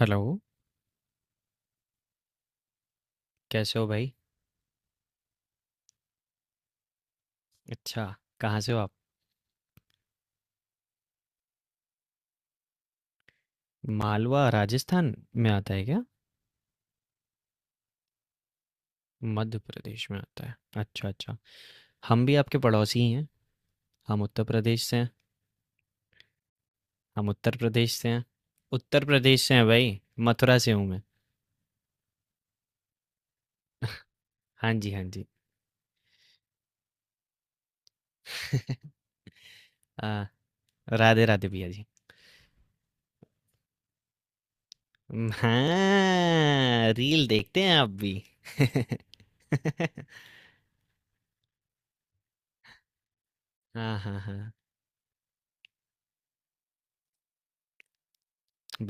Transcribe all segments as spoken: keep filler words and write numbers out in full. Hello, कैसे हो भाई? अच्छा, कहाँ से हो आप? मालवा राजस्थान में आता है क्या? मध्य प्रदेश में आता है। अच्छा अच्छा। हम भी आपके पड़ोसी ही हैं। हम उत्तर प्रदेश से हैं। हम उत्तर प्रदेश से हैं। उत्तर प्रदेश से हैं भाई। मथुरा से हूँ मैं। हाँ जी हाँ जी। आ, राधे राधे भैया जी। हम्म, हाँ, रील देखते हैं आप भी। हाँ हाँ हाँ।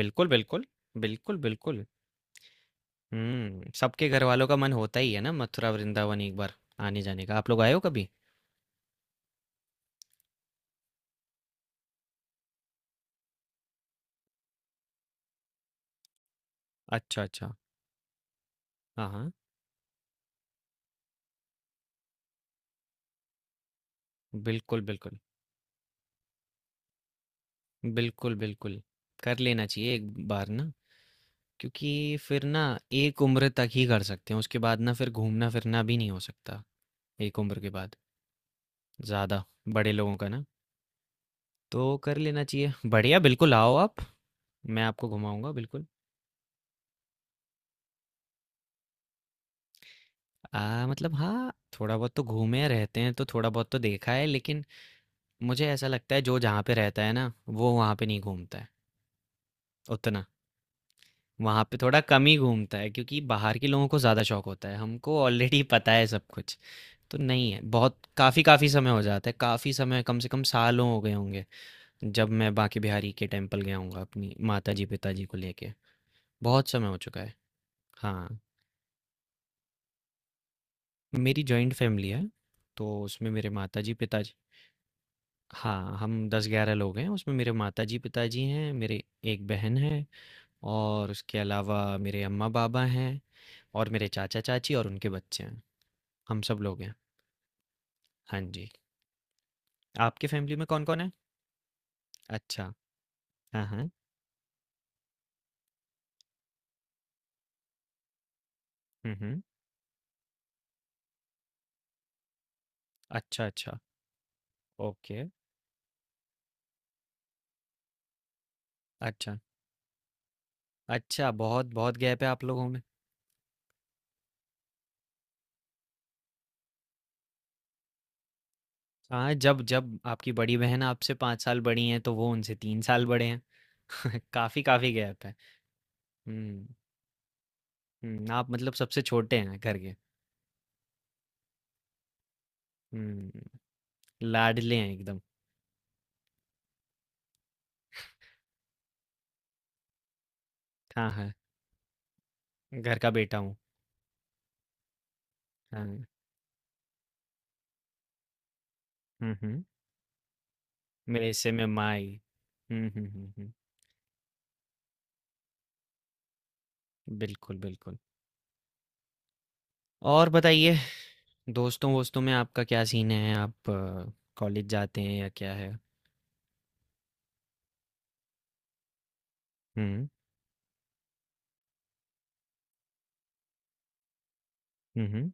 बिल्कुल बिल्कुल। बिल्कुल बिल्कुल। हुँ, सबके घरवालों का मन होता ही है ना, मथुरा वृंदावन एक बार आने-जाने का। आप लोग आए हो कभी? अच्छा, अच्छा। हाँ, हाँ। बिल्कुल, बिल्कुल। बिल्कुल, बिल्कुल। कर लेना चाहिए एक बार ना, क्योंकि फिर ना एक उम्र तक ही कर सकते हैं, उसके बाद ना फिर घूमना-फिरना भी नहीं हो सकता, एक उम्र के बाद ज़्यादा, बड़े लोगों का ना। तो कर लेना चाहिए। बढ़िया, बिल्कुल आओ आप, मैं आपको घुमाऊँगा बिल्कुल। अ, मतलब हाँ, थोड़ा बहुत तो घूमे रहते हैं, तो थोड़ा बहुत तो देखा है, लेकिन मुझे ऐसा लगता है जो जहाँ पे रहता है ना, वो वहाँ पे नहीं घूमता है उतना। वहाँ पे थोड़ा कम ही घूमता है, क्योंकि बाहर के लोगों को ज़्यादा शौक होता है। हमको ऑलरेडी पता है सब कुछ, तो नहीं है बहुत। काफ़ी काफ़ी समय हो जाता है, काफ़ी समय, कम से कम सालों हो गए होंगे जब मैं बांके बिहारी के टेम्पल गया हूँगा अपनी माता जी पिताजी को लेके। बहुत समय हो चुका है। हाँ। मेरी जॉइंट फैमिली है, तो उसमें मेरे माता जी पिताजी। हाँ, हम दस ग्यारह लोग हैं। उसमें मेरे माता जी पिताजी हैं, मेरे एक बहन है, और उसके अलावा मेरे अम्मा-पापा हैं, और मेरे चाचा-चाची और उनके बच्चे हैं। हम सब लोग हैं। हाँ जी। आपकी फ़ैमिली में कौन-कौन है? अच्छा। हाँ, हाँ। हुँ, हुँ। अच्छा, अच्छा। ओके। अच्छा। अच्छा, बहुत-बहुत गैप है आप लोगों में। हाँ, जब जब आपकी बड़ी बहन आपसे पाँच साल बड़ी हैं, तो वो उनसे तीन साल बड़े हैं। काफ़ी काफ़ी गैप है। हुँ, हुँ। आप मतलब सबसे छोटे हैं घर के। हुँ, लाडले हैं एकदम। हाँ, हाँ। घर का बेटा हूँ। हाँ। हुँ, हुँ। मेरे से में माई। हम्म हम्म हम्म हम्म। बिल्कुल बिल्कुल। और बताइए, दोस्तों वोस्तों में आपका क्या सीन है? आप कॉलेज जाते हैं या क्या है? हम्म। हम्म।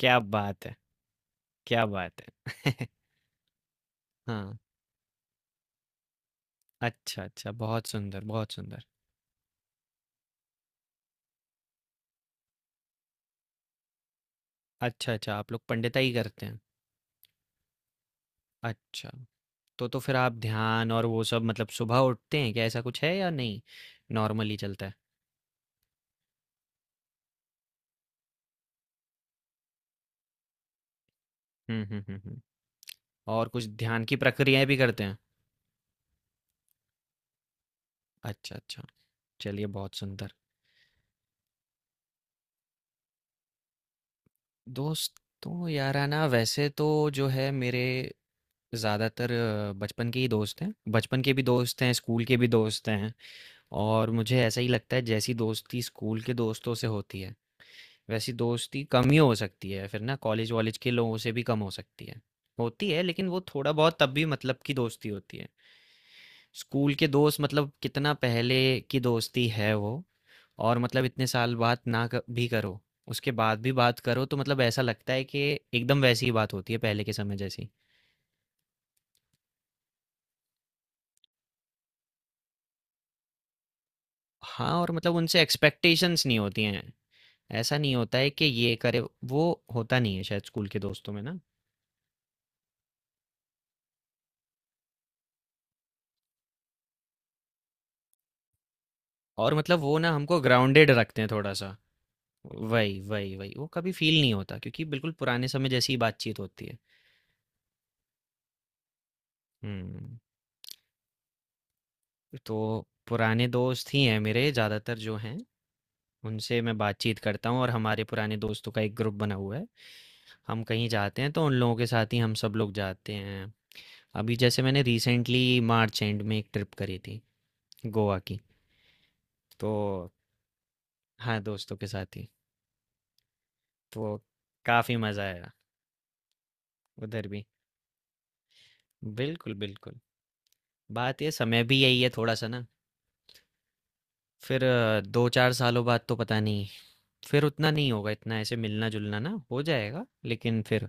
क्या बात है! क्या बात है! हाँ। अच्छा अच्छा, बहुत सुंदर, बहुत सुंदर। अच्छा अच्छा, आप लोग पंडिताई करते हैं। अच्छा। तो तो फिर आप ध्यान और वो सब, मतलब सुबह उठते हैं क्या, ऐसा कुछ है या नहीं, नॉर्मली चलता है? हम्म हम्म हम्म हम्म। और कुछ ध्यान की प्रक्रियाएं भी करते हैं? अच्छा अच्छा। चलिए, बहुत सुंदर। दोस्तों याराना वैसे तो जो है मेरे ज़्यादातर अ, बचपन के ही दोस्त हैं, बचपन के भी दोस्त हैं, स्कूल के भी दोस्त हैं। और मुझे ऐसा ही लगता है जैसी दोस्ती स्कूल के दोस्तों से होती है, वैसी दोस्ती कम ही हो सकती है फिर ना। कॉलेज वॉलेज के लोगों से भी कम हो सकती है, होती है, लेकिन वो थोड़ा बहुत तब भी मतलब की दोस्ती होती है। स्कूल के दोस्त मतलब कितना पहले की दोस्ती है वो, और मतलब इतने साल बात ना क- भी करो, उसके बाद भी बात करो, तो मतलब ऐसा लगता है कि एकदम वैसी ही बात होती है पहले के समय जैसी। हाँ, और मतलब उनसे एक्सपेक्टेशंस नहीं होती हैं। ऐसा नहीं होता है कि ये करे वो, होता नहीं है शायद स्कूल के दोस्तों में ना। और मतलब वो ना हमको ग्राउंडेड रखते हैं थोड़ा सा। वही, वही, वही। वो कभी फ़ील नहीं होता क्योंकि बिल्कुल पुराने समय जैसी ही बातचीत होती है। हुँ, तो पुराने दोस्त ही हैं मेरे ज़्यादातर जो हैं, उनसे मैं बातचीत करता हूँ, और हमारे पुराने दोस्तों का एक ग्रुप बना हुआ है। हम कहीं जाते हैं तो उन लोगों के साथ ही हम सब लोग जाते हैं। अभी जैसे मैंने रिसेंटली मार्च एंड में एक ट्रिप करी थी गोवा की, तो हाँ, दोस्तों के साथ ही। तो काफ़ी मज़ा आया उधर भी। बिल्कुल, बिल्कुल। बात ये समय भी यही है थोड़ा-सा ना, फिर अ, दो चार सालों बाद तो पता नहीं, फिर उतना नहीं होगा, इतना ऐसे मिलना जुलना ना हो जाएगा, लेकिन फिर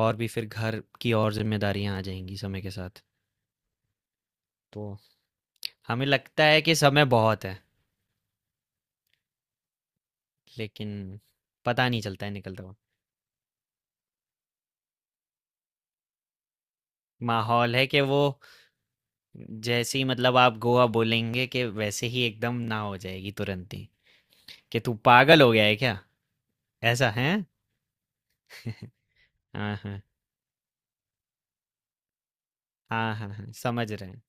और भी फिर घर की और जिम्मेदारियां आ जाएंगी समय के साथ। तो हमें लगता है कि समय बहुत है, लेकिन पता नहीं चलता है निकलता हुआ। माहौल है कि वो जैसे ही मतलब आप गोवा बोलेंगे कि वैसे ही एकदम ना हो जाएगी तुरंत ही, कि तू पागल हो गया है क्या, ऐसा है। हाँ हाँ हाँ। हाँ हाँ, समझ रहे हैं,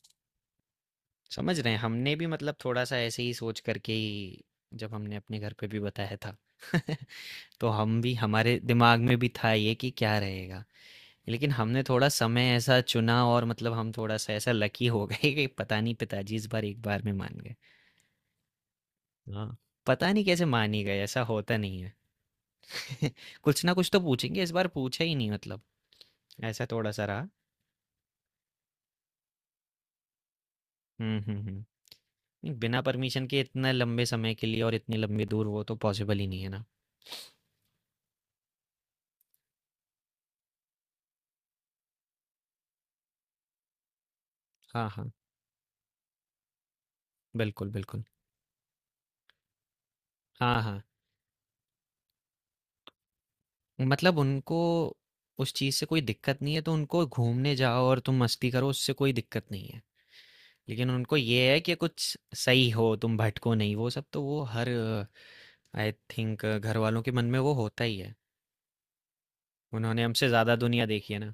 समझ रहे हैं। हमने भी मतलब थोड़ा सा ऐसे ही सोच करके ही जब हमने अपने घर पे भी बताया था, तो हम भी, हमारे दिमाग में भी था ये कि क्या रहेगा, लेकिन हमने थोड़ा समय ऐसा चुना, और मतलब हम थोड़ा सा ऐसा लकी हो गए कि पता नहीं पिताजी इस बार एक बार में मान गए। हाँ। पता नहीं कैसे मान ही गए, ऐसा होता नहीं है। कुछ ना कुछ तो पूछेंगे, इस बार पूछा ही नहीं मतलब, ऐसा थोड़ा सा रहा। हम्म हम्म हम्म। नहीं, बिना परमिशन के इतने लंबे समय के लिए और इतनी लंबी दूर, वो तो पॉसिबल ही नहीं है ना। हाँ हाँ। बिल्कुल बिल्कुल। हाँ हाँ, मतलब उनको उस चीज़ से कोई दिक्कत नहीं है, तो उनको घूमने जाओ और तुम मस्ती करो, उससे कोई दिक्कत नहीं है, लेकिन उनको ये है कि कुछ सही हो, तुम भटको नहीं, वो सब तो वो हर, आई थिंक घर वालों के मन में वो होता ही है। उन्होंने हमसे ज़्यादा दुनिया देखी है ना।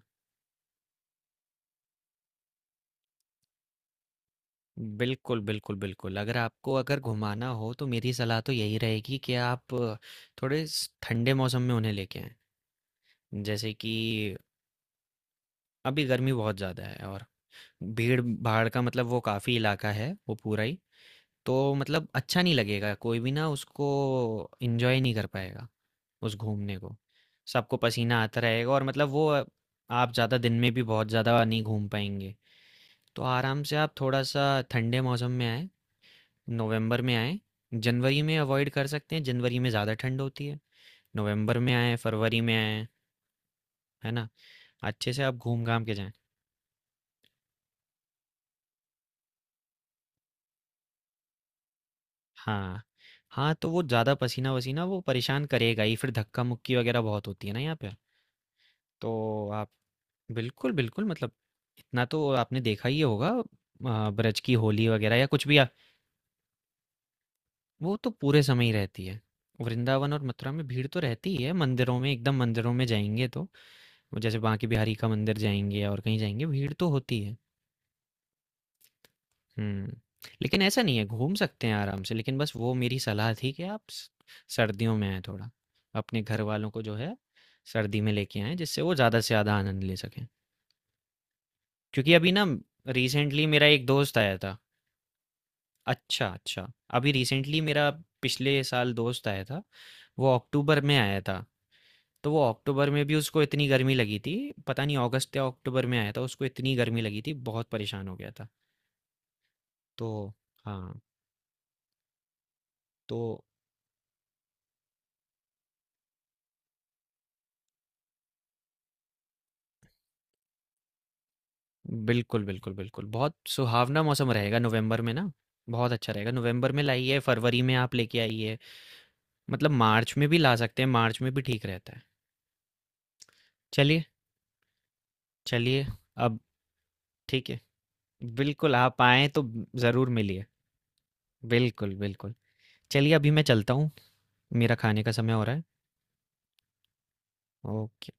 बिल्कुल बिल्कुल बिल्कुल। अगर आपको अगर घुमाना हो तो मेरी सलाह तो यही रहेगी कि आप अ, थोड़े स- ठंडे मौसम में उन्हें लेके आएं। जैसे कि अभी गर्मी बहुत ज़्यादा है, और भीड़ भाड़ का मतलब वो काफ़ी इलाका है वो पूरा ही, तो मतलब अच्छा नहीं लगेगा, कोई भी ना उसको एंजॉय नहीं कर पाएगा उस घूमने को। सबको पसीना आता रहेगा, और मतलब वो, आप ज़्यादा दिन में भी बहुत ज़्यादा नहीं घूम पाएंगे। तो आराम से आप थोड़ा सा ठंडे मौसम में आए, नवंबर में आए, जनवरी में अवॉइड कर सकते हैं, जनवरी में ज़्यादा ठंड होती है, नवंबर में आए, फरवरी में आए, है ना, अच्छे से आप घूम घाम के जाएं। हाँ। हाँ, तो वो ज़्यादा पसीना-वसीना वो परेशान करेगा ही, फिर धक्का-मुक्की वग़ैरह बहुत होती है ना यहाँ पे। तो आप बिल्कुल, बिल्कुल मतलब इतना तो आपने देखा ही होगा, अ, ब्रज की होली वग़ैरह या कुछ भी अ, वो तो पूरे समय ही रहती है। वृंदावन और मथुरा में भीड़ तो रहती ही है, मंदिरों में, एकदम मंदिरों में जाएँगे तो, जैसे बांके बिहारी का मंदिर जाएँगे और कहीं जाएँगे, भीड़ तो होती है। हुँ। लेकिन ऐसा नहीं है, घूम सकते हैं आराम से, लेकिन बस वो मेरी सलाह थी कि आप स सर्दियों में आएँ थोड़ा। अपने घरवालों को जो है, सर्दी में लेके आएँ, जिससे वो ज़्यादा से ज़्यादा आनंद ले सकें। क्योंकि अभी ना रिसेंटली मेरा एक दोस्त आया था। अच्छा, अच्छा। अभी रिसेंटली मेरा पिछले साल दोस्त आया था, वो अक्टूबर में आया था। तो वो अक्टूबर में भी उसको इतनी गर्मी लगी थी, पता नहीं अगस्त या अक्टूबर में आया था, उसको इतनी गर्मी लगी थी, बहुत परेशान हो गया था। तो हाँ, तो बिल्कुल, बिल्कुल, बिल्कुल। बहुत सुहावना मौसम रहेगा नवंबर में ना, बहुत अच्छा रहेगा। नवंबर में लाइए, फरवरी में आप लेके आइए, मतलब मार्च में भी ला सकते हैं, मार्च में भी ठीक रहता है। चलिए, चलिए। अब ठीक है। बिल्कुल, आप आएँ तो ज़रूर मिलिए। बिल्कुल, बिल्कुल। चलिए अभी मैं चलता हूँ, मेरा खाने का समय हो रहा है। ओके।